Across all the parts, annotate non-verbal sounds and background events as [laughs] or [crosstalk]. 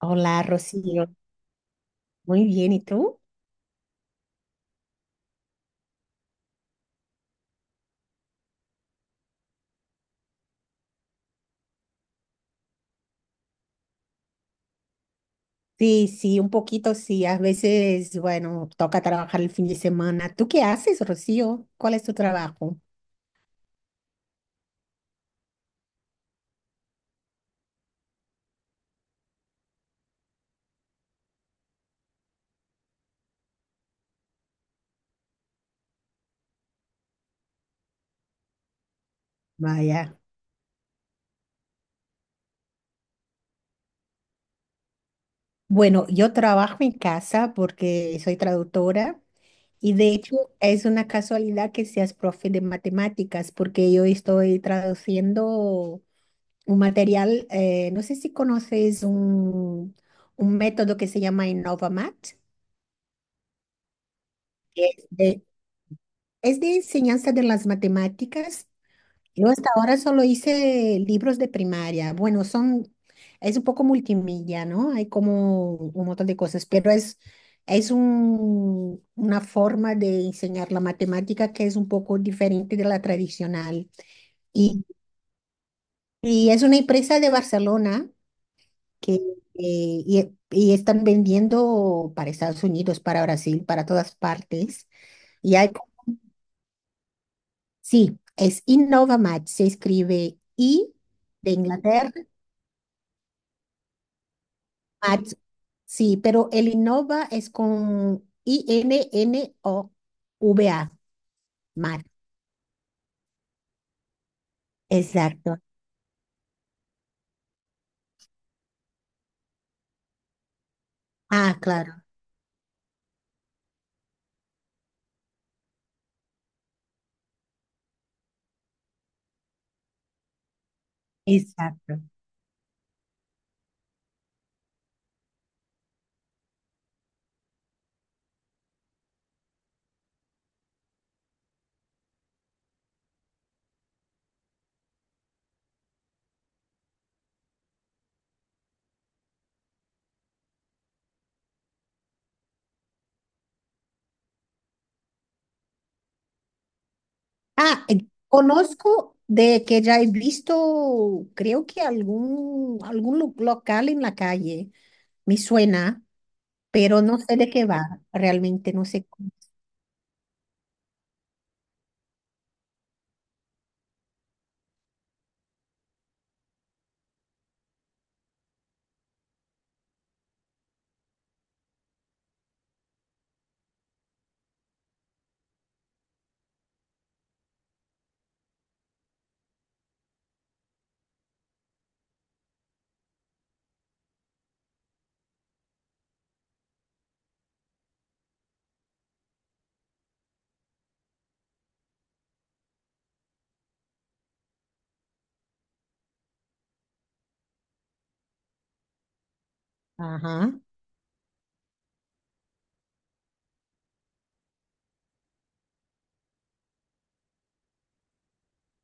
Hola, Rocío. Muy bien, ¿y tú? Sí, sí, un poquito, sí. A veces, bueno, toca trabajar el fin de semana. ¿Tú qué haces, Rocío? ¿Cuál es tu trabajo? Vaya. Bueno, yo trabajo en casa porque soy traductora, y de hecho es una casualidad que seas profe de matemáticas porque yo estoy traduciendo un material, no sé si conoces un método que se llama InnovaMat. es de Es de enseñanza de las matemáticas. Yo hasta ahora solo hice libros de primaria. Es un poco multimilla, ¿no? Hay como un montón de cosas, pero es una forma de enseñar la matemática que es un poco diferente de la tradicional. Y, y es una empresa de Barcelona que, y están vendiendo para Estados Unidos, para Brasil, para todas partes. Y hay. Sí, es InnovaMatch, se escribe I de Inglaterra, Match. Sí, pero el Innova es con I-N-N-O-V-A, Match. Exacto. Ah, claro, exacto. Ah, conozco de que ya he visto, creo que algún local en la calle, me suena, pero no sé de qué va, realmente no sé cómo. Ajá.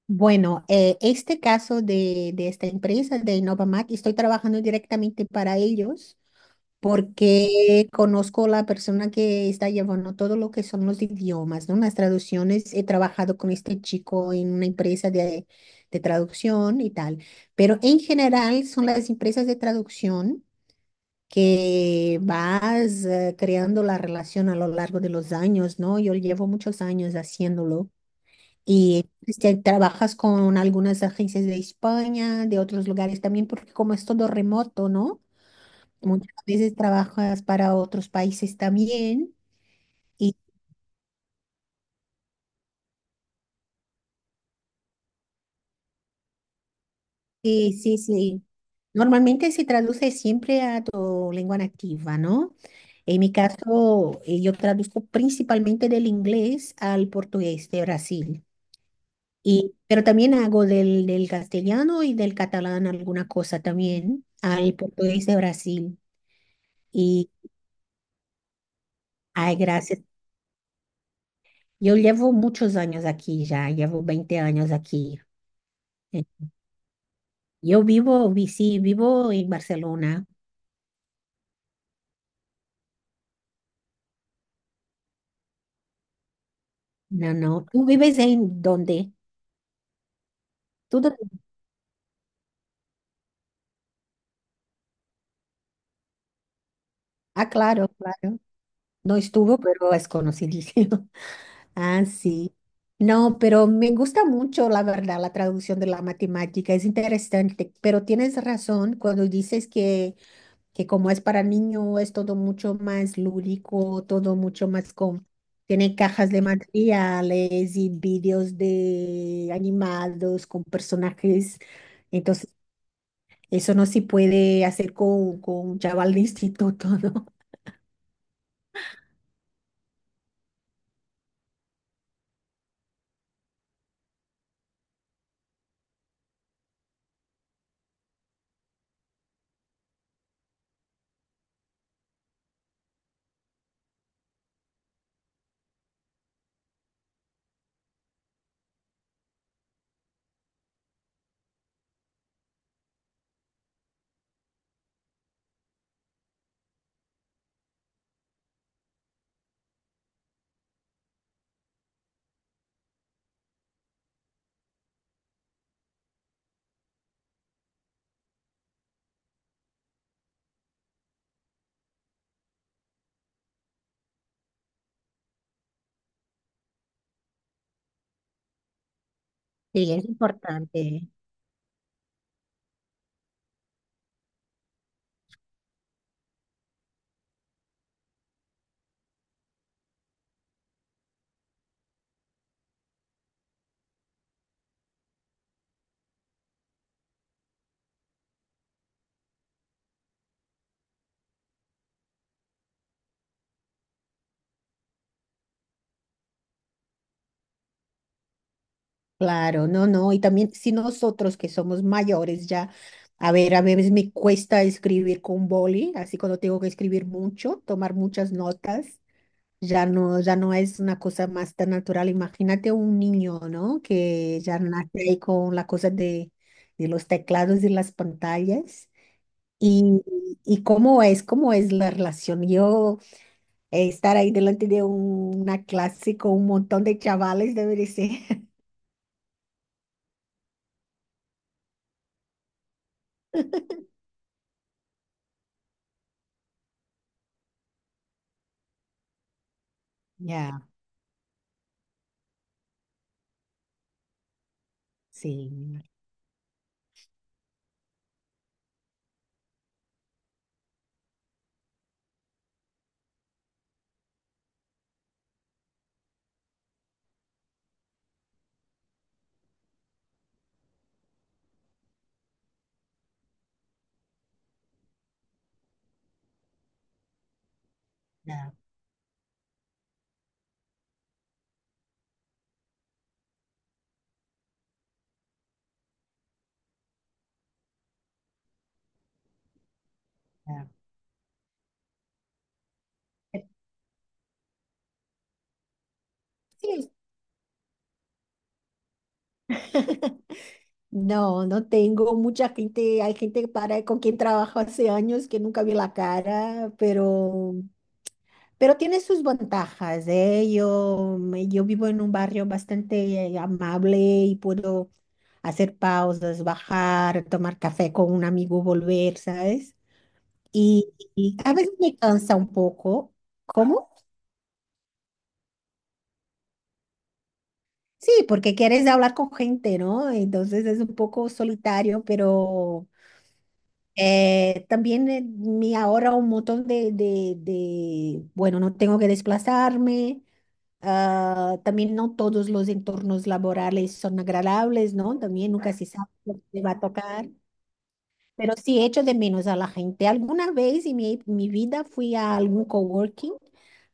Bueno, este caso de esta empresa, de Innovamac, estoy trabajando directamente para ellos porque conozco la persona que está llevando todo lo que son los idiomas, ¿no? Las traducciones. He trabajado con este chico en una empresa de traducción y tal, pero en general son las empresas de traducción que vas creando la relación a lo largo de los años, ¿no? Yo llevo muchos años haciéndolo. Y este, trabajas con algunas agencias de España, de otros lugares también, porque como es todo remoto, ¿no? Muchas veces trabajas para otros países también. Y sí, sí, sí. Normalmente se traduce siempre a tu lengua nativa, ¿no? En mi caso, yo traduzco principalmente del inglés al portugués de Brasil. Y, pero también hago del castellano y del catalán alguna cosa también al portugués de Brasil. Y ay, gracias. E eu llevo muchos años aquí ya, llevo 20 años aquí. Eh, Yo vivo, sí, vivo en Barcelona. No, no. ¿Tú vives en dónde? ¿Tú dónde? Ah, claro, claro. No estuvo, pero es conocido. Ah, sí. No, pero me gusta mucho, la verdad, la traducción de la matemática. Es interesante, pero tienes razón cuando dices que como es para niño, es todo mucho más lúdico, todo mucho más con... Tiene cajas de materiales y vídeos de animados con personajes. Entonces, eso no se puede hacer con un chaval de instituto, [laughs] ¿no? Sí, es importante. Claro, no, no, y también si nosotros que somos mayores ya, a ver, a veces me cuesta escribir con boli, así cuando tengo que escribir mucho, tomar muchas notas, ya no, ya no es una cosa más tan natural. Imagínate un niño, ¿no? Que ya nace ahí con la cosa de los teclados y las pantallas. Y, y cómo es la relación. Yo estar ahí delante de un- una clase con un montón de chavales debe de ser. [laughs] Ya, sí. Claro, claro. Sí, no, no tengo mucha gente, hay gente para, con quien trabajo hace años que nunca vi la cara, pero tiene sus ventajas, ¿eh? Yo vivo en un barrio bastante amable y puedo hacer pausas, bajar, tomar café con un amigo, volver, ¿sabes? Y a veces me cansa un poco. ¿Cómo? Sí, porque quieres hablar con gente, ¿no? Entonces es un poco solitario, pero... también me ahorra un montón bueno, no tengo que desplazarme. Ah, también no todos los entornos laborales son agradables, ¿no? También nunca se sabe lo que te va a tocar. Pero sí echo de menos a la gente. Alguna vez en mi vida fui a algún coworking,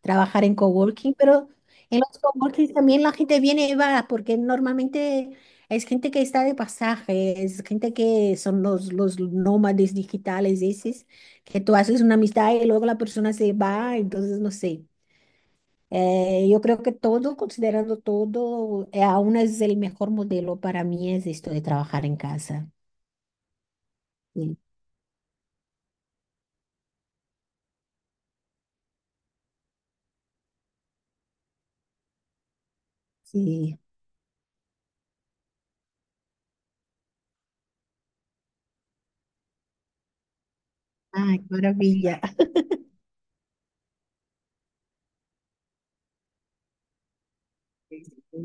trabajar en coworking, pero en los coworkings también la gente viene y va, porque normalmente es gente que está de pasaje, es gente que son los nómades digitales, esos, que tú haces una amistad y luego la persona se va, entonces no sé. Yo creo que todo, considerando todo, aún es el mejor modelo para mí es esto de trabajar en casa. Sí. Sí. Ay, qué maravilla. Sí, sí,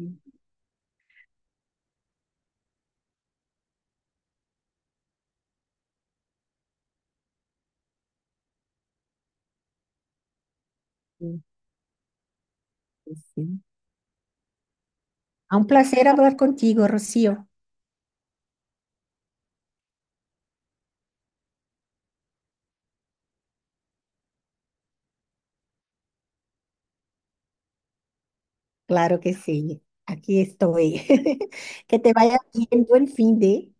sí. Sí, sí. Ah, un placer hablar contigo, Rocío. Claro que sí. Aquí estoy. [laughs] Que te vaya bien. Buen fin de.